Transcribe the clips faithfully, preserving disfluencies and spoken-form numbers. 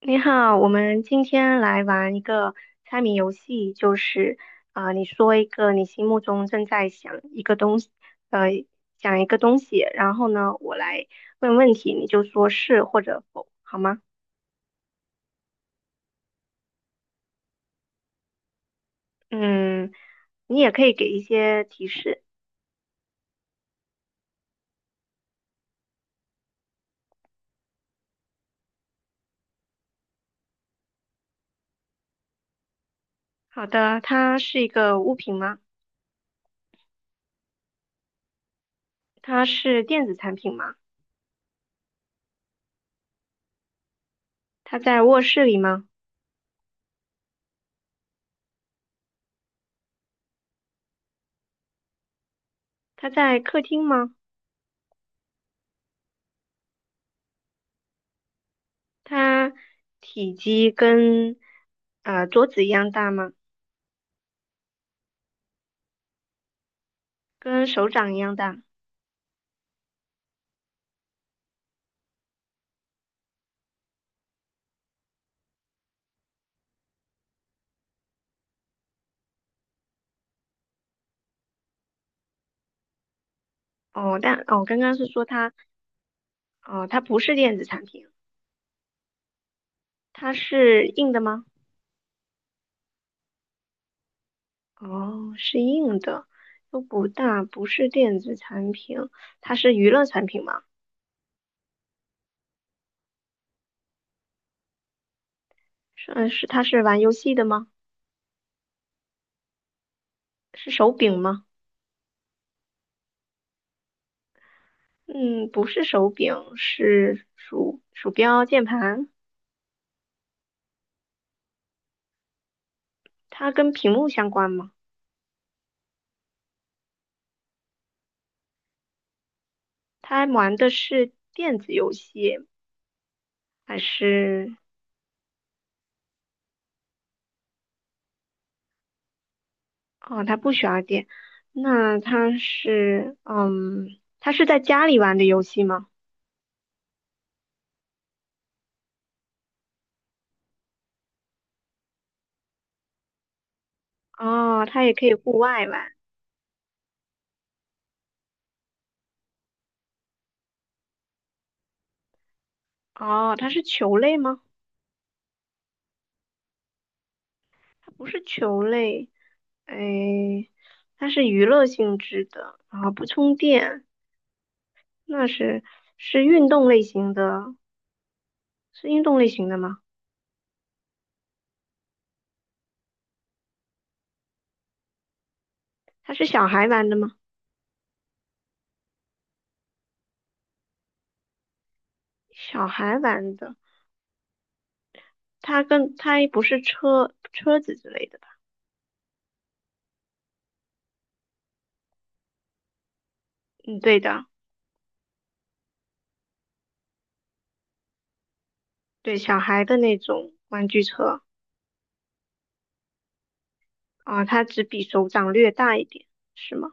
你好，我们今天来玩一个猜谜游戏，就是啊、你说一个你心目中正在想一个东西，呃，想一个东西，然后呢，我来问问题，你就说是或者否，好吗？嗯，你也可以给一些提示。好的，它是一个物品吗？它是电子产品吗？它在卧室里吗？它在客厅吗？它体积跟呃桌子一样大吗？跟手掌一样大。哦，但哦，刚刚是说它，哦，它不是电子产品，它是硬的吗？哦，是硬的，又不大，不是电子产品，它是娱乐产品吗？是呃是，它是玩游戏的吗？是手柄吗？嗯，不是手柄，是鼠鼠标、键盘。它跟屏幕相关吗？它玩的是电子游戏还是哦，他不需要电，那他是，嗯，他是在家里玩的游戏吗？哦，他也可以户外玩。哦，它是球类吗？它不是球类，哎，它是娱乐性质的，然后不充电，那是是运动类型的，是运动类型的吗？它是小孩玩的吗？小孩玩的，它跟它不是车车子之类的吧？嗯，对的，对，小孩的那种玩具车。啊，它只比手掌略大一点，是吗？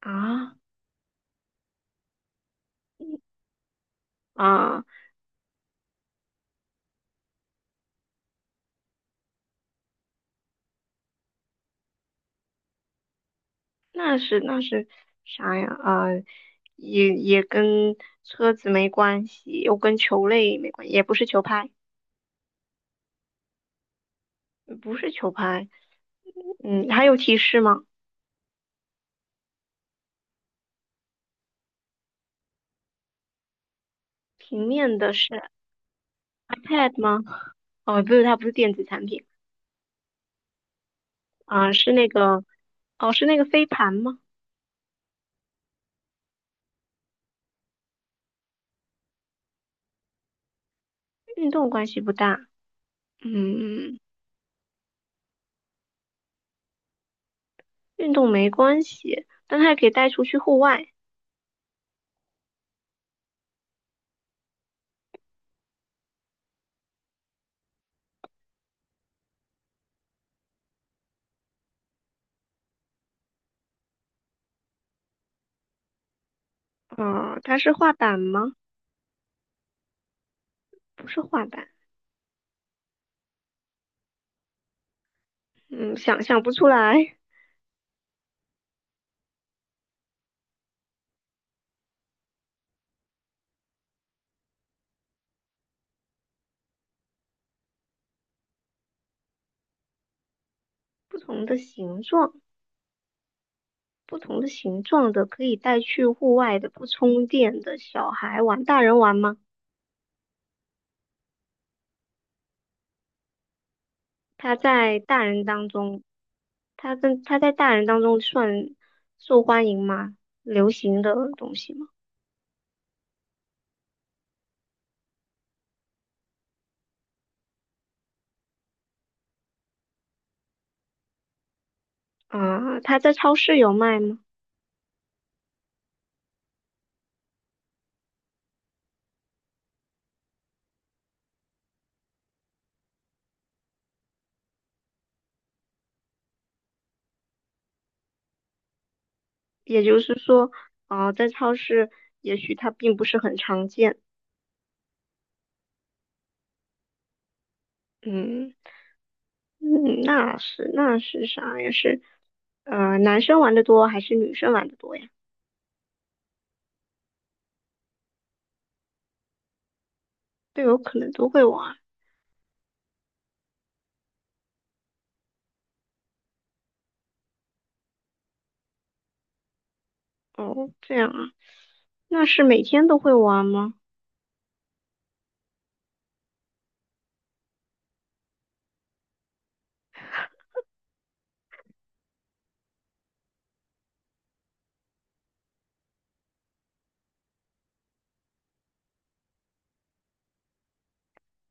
啊啊，那是那是啥呀？啊，也也跟车子没关系，又跟球类没关系，也不是球拍，嗯不是球拍。嗯，还有提示吗？平面的是 iPad 吗？哦，不是，它不是电子产品啊，是那个，哦，是那个飞盘吗？运动关系不大，嗯，运动没关系，但它也可以带出去户外。嗯，它是画板吗？不是画板，嗯，想象不出来。不同的形状，不同的形状的可以带去户外的不充电的小孩玩，大人玩吗？他在大人当中，他跟他在大人当中算受欢迎吗？流行的东西吗？啊、他在超市有卖吗？也就是说，啊、在超市也许它并不是很常见。嗯。嗯，那是那是啥呀？是呃，男生玩的多还是女生玩的多呀？队友可能都会玩。哦，这样啊，那是每天都会玩吗？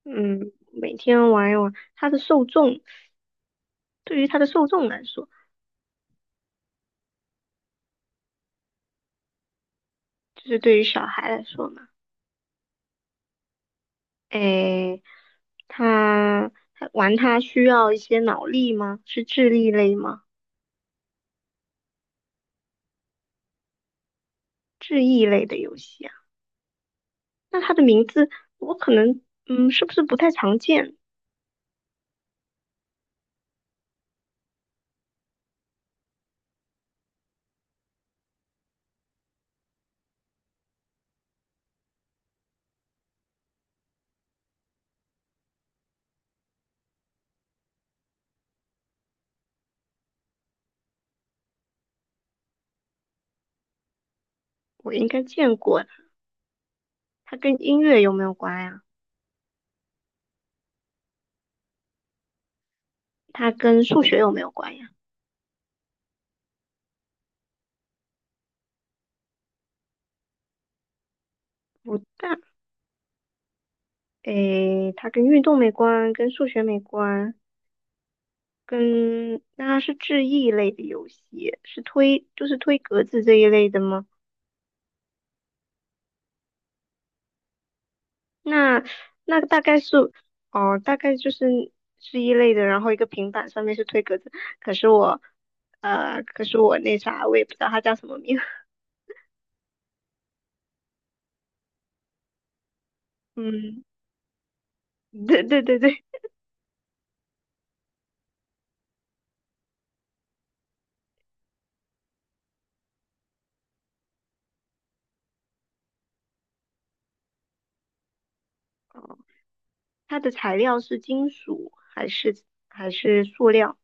嗯，每天玩一玩。它的受众，对于它的受众来说，就是对于小孩来说嘛，诶，他他玩他需要一些脑力吗？是智力类吗？智力类的游戏啊？那它的名字我可能嗯，是不是不太常见？我应该见过。它跟音乐有没有关呀？它跟数学有没有关呀？不大，诶，它跟运动没关，跟数学没关，跟那它是智力类的游戏，是推就是推格子这一类的吗？那那大概是哦，大概就是是一类的，然后一个平板上面是推格子，可是我呃，可是我那啥，我也不知道它叫什么名，嗯，对对对对，哦，它的材料是金属还是还是塑料？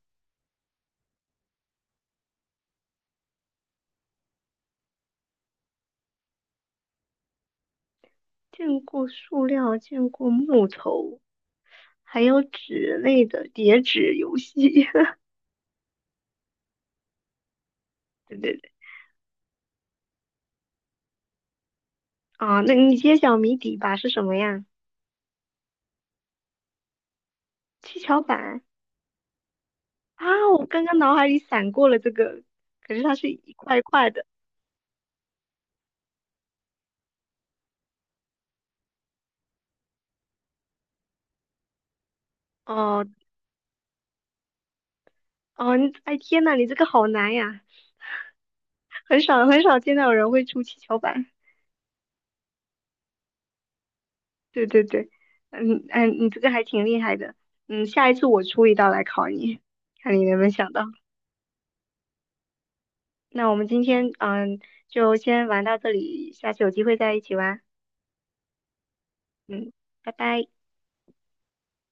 见过塑料，见过木头，还有纸类的叠纸游戏。对对对，啊，那你揭晓谜底吧，是什么呀？七巧板啊，我刚刚脑海里闪过了这个，可是它是一块一块的。哦哦，你哎天呐，你这个好难呀，很少很少见到有人会出七巧板。对对对，嗯嗯，你这个还挺厉害的。嗯，下一次我出一道来考你，看你能不能想到。那我们今天嗯，就先玩到这里，下次有机会再一起玩。嗯，拜拜。